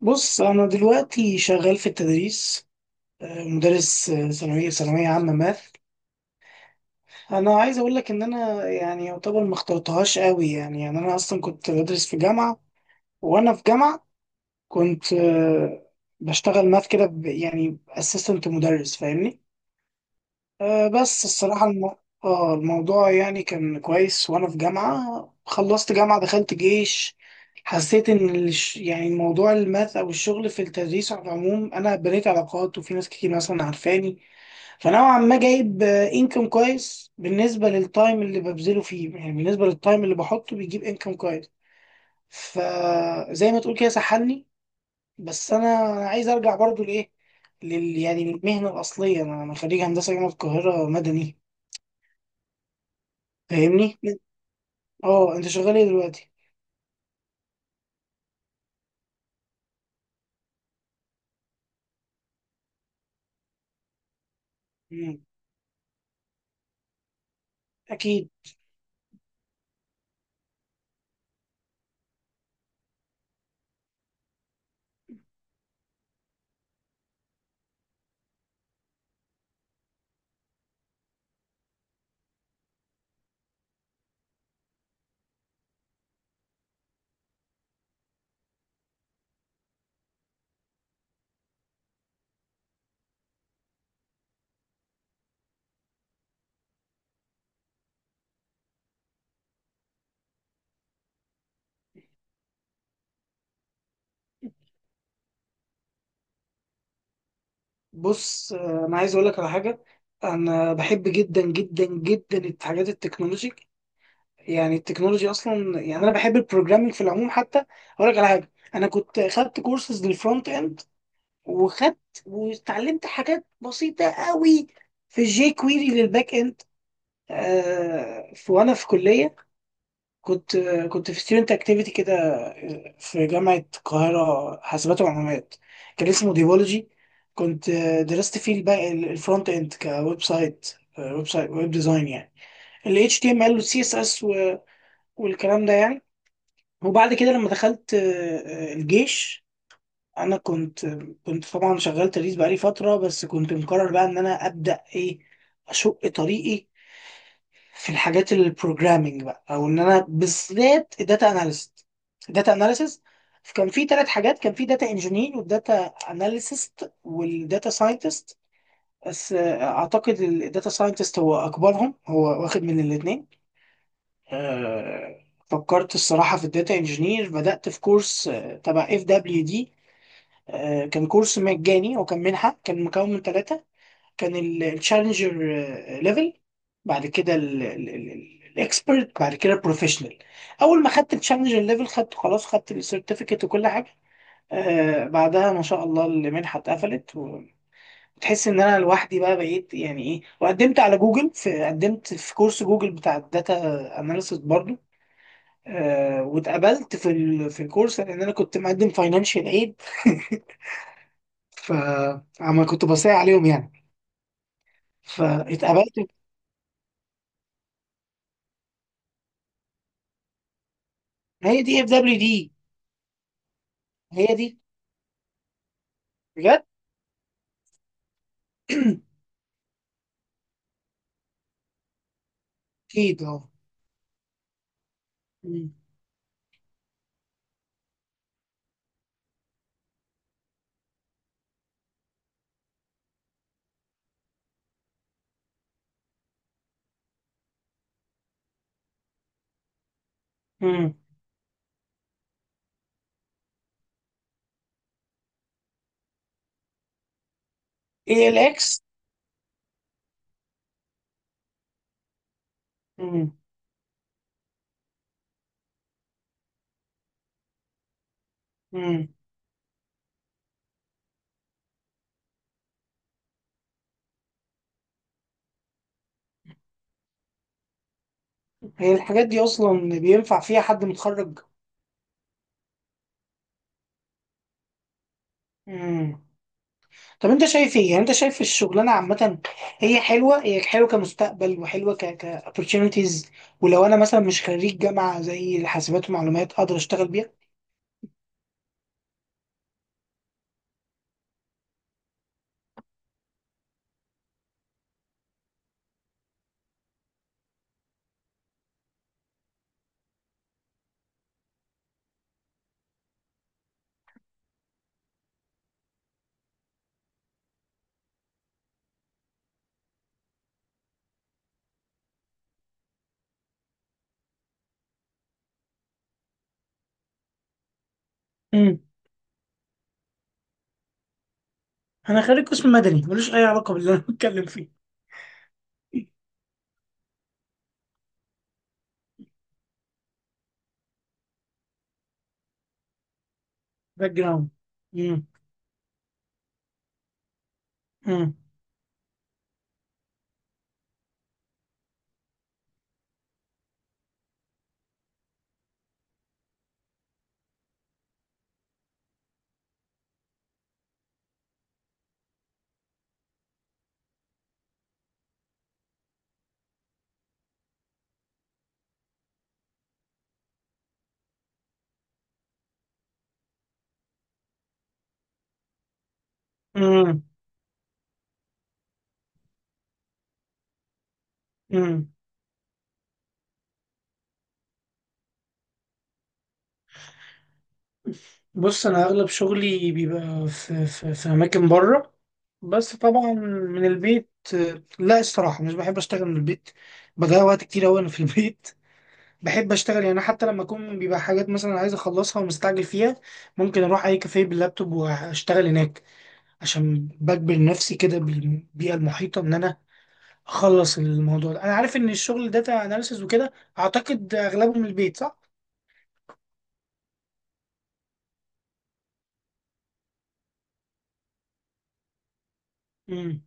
بص، أنا دلوقتي شغال في التدريس. مدرس. ثانوية عامة ماث. أنا عايز أقول لك إن أنا يعني يعتبر ما اخترتهاش قوي يعني أنا أصلا كنت بدرس في جامعة. وأنا في جامعة كنت بشتغل ماث كده، يعني أسيستنت مدرس، فاهمني؟ بس الصراحة الموضوع يعني كان كويس. وأنا في جامعة خلصت جامعة دخلت جيش. حسيت إن يعني الموضوع الماث أو الشغل في التدريس على العموم، أنا بنيت علاقات وفي ناس كتير مثلا عارفاني. فنوعا ما جايب إنكم كويس بالنسبة للتايم اللي ببذله فيه، يعني بالنسبة للتايم اللي بحطه بيجيب إنكم كويس. فزي ما تقول كده سحلني. بس أنا عايز أرجع برضو لإيه، يعني للمهنة الأصلية. أنا خريج هندسة جامعة القاهرة مدني، فاهمني؟ اه، انت شغال ايه دلوقتي؟ مم. اكيد. بص، انا عايز اقول لك على حاجه. انا بحب جدا جدا جدا الحاجات التكنولوجي، يعني التكنولوجي اصلا. يعني انا بحب البروجرامينج في العموم حتى. اقول لك على حاجه، انا كنت خدت كورسز للفرونت اند، وخدت واتعلمت حاجات بسيطه قوي في جي كويري للباك اند. آه، في وانا في كليه كنت كنت في ستودنت اكتيفيتي كده، في جامعة القاهرة حاسبات ومعلومات، كان اسمه ديفولوجي. كنت درست فيه الباقي الفرونت اند كويب سايت، ويب سايت ويب ديزاين يعني، ال HTML وال CSS والكلام ده يعني. وبعد كده لما دخلت الجيش، انا كنت. طبعا شغال تدريس بقالي فترة، بس كنت مقرر بقى ان انا ابدأ ايه، اشق طريقي في الحاجات البروجرامينج بقى، او ان انا بالذات الداتا اناليست، الداتا اناليسيس. كان في ثلاث حاجات: كان في داتا انجينير والداتا اناليسيست والداتا ساينتست. بس اعتقد الداتا ساينتست هو اكبرهم، هو واخد من الاثنين. فكرت الصراحه في الداتا انجينير، بدات في كورس تبع اف دبليو دي. كان كورس مجاني وكان منحه، كان مكون من ثلاثه: كان التشالنجر ليفل، بعد كده الاكسبرت، بعد كده البروفيشنال. اول ما خدت التشالنجر ليفل خدت، خلاص خدت السيرتيفيكت وكل حاجه. بعدها ما شاء الله المنحه اتقفلت، وتحس ان انا لوحدي بقى بقيت يعني ايه. وقدمت على جوجل، في قدمت في كورس جوجل بتاع الداتا اناليسيس برضو. واتقبلت في الكورس لان انا كنت مقدم فاينانشال ايد فعما كنت بصيع عليهم يعني، فاتقبلت. ما هي دي اف دبليو دي، هي دي، بجد. اكيد اه. مم. مم. ايه الاكس؟ مم. مم. هي الحاجات دي اصلا بينفع فيها حد متخرج؟ مم. طب انت شايف ايه، يعني انت شايف الشغلانه عامه، هي حلوه؟ هي حلوه كمستقبل وحلوه ك opportunities؟ ولو انا مثلا مش خريج جامعه زي حاسبات ومعلومات اقدر اشتغل بيها؟ مم. انا خريج قسم مدني، ملوش اي علاقه باللي انا بتكلم فيه. باك جراوند. مم. مم. مم. مم. بص، انا اغلب شغلي بيبقى في، في اماكن بره، بس طبعا من البيت. لا الصراحه مش بحب اشتغل من البيت. بضيع وقت كتير اوي انا في البيت بحب اشتغل، يعني حتى لما اكون بيبقى حاجات مثلا عايز اخلصها ومستعجل فيها، ممكن اروح اي كافيه باللابتوب واشتغل هناك، عشان بجبر نفسي كده بالبيئه المحيطه ان انا اخلص الموضوع ده. انا عارف ان الشغل داتا اناليسز وكده، اعتقد اغلبه من البيت صح؟ امم.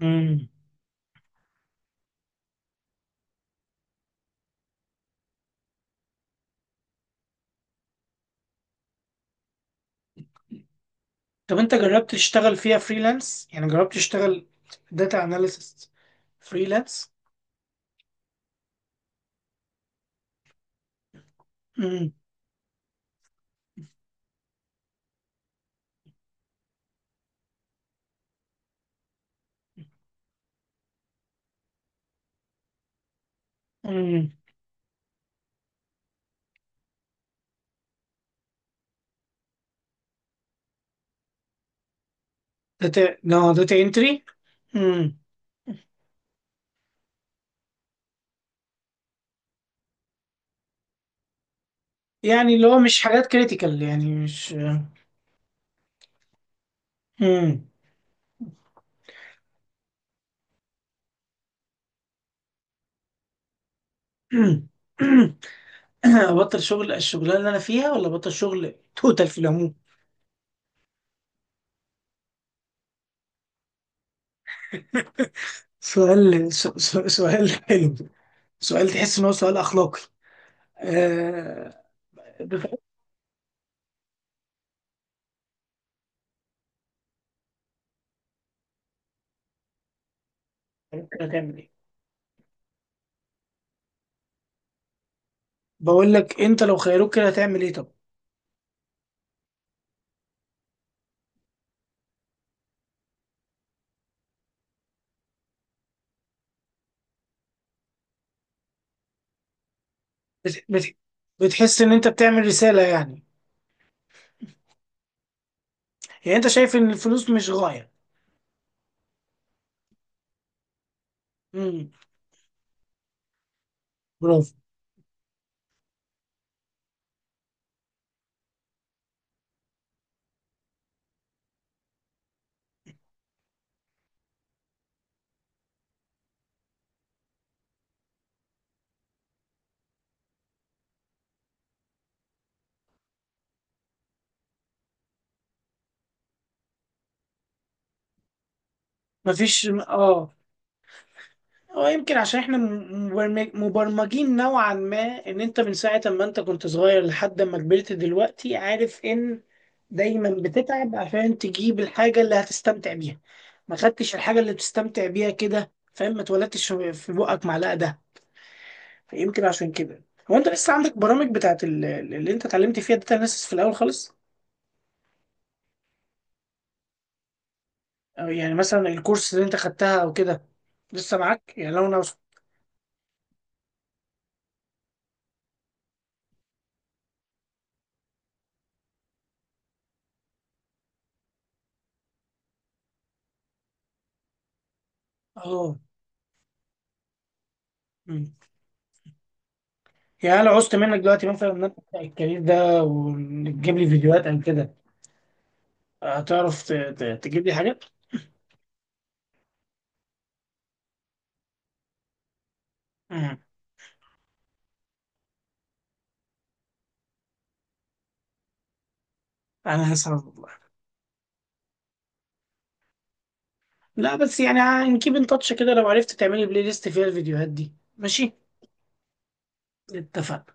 امم. طب انت جربت تشتغل فيها فريلانس، يعني جربت تشتغل داتا اناليسيس فريلانس؟ امم. امم. داتا نو داتا انتري. امم. يعني اللي هو مش حاجات كريتيكال يعني مش. امم. ابطل شغل الشغلانه اللي انا فيها ولا ابطل شغل توتال في العموم؟ سؤال، سؤال حلو. سؤال تحس ان هو سؤال اخلاقي. أه... بفكر. هتعمل ايه؟ بقول لك انت لو خيروك كده هتعمل ايه طب؟ بت... بت... بتحس ان انت بتعمل رسالة يعني؟ يعني انت شايف ان الفلوس مش غاية؟ امم. برافو. مفيش اه. هو يمكن عشان احنا مبرمجين نوعا ما، ان انت من ساعة ما انت كنت صغير لحد ما كبرت دلوقتي عارف ان دايما بتتعب عشان تجيب الحاجة اللي هتستمتع بيها، ما خدتش الحاجة اللي بتستمتع بيها كده، فاهم؟ ما اتولدتش في بقك معلقة ده. فيمكن عشان كده، هو انت لسه عندك برامج بتاعت اللي انت اتعلمت فيها داتا اناليسيس في الاول خالص، أو يعني مثلا الكورس اللي انت خدتها او كده، لسه معاك؟ يعني لو انا عوزت. اه. مم. يعني لو عوزت منك دلوقتي مثلا ان انا أبدأ الكارير ده، وتجيب لي فيديوهات او كده، هتعرف تجيب لي حاجات؟ مم. انا هسعد والله. لا بس يعني نكيب ان تاتش كده، لو عرفت تعملي بلاي ليست فيها الفيديوهات دي ماشي. اتفق.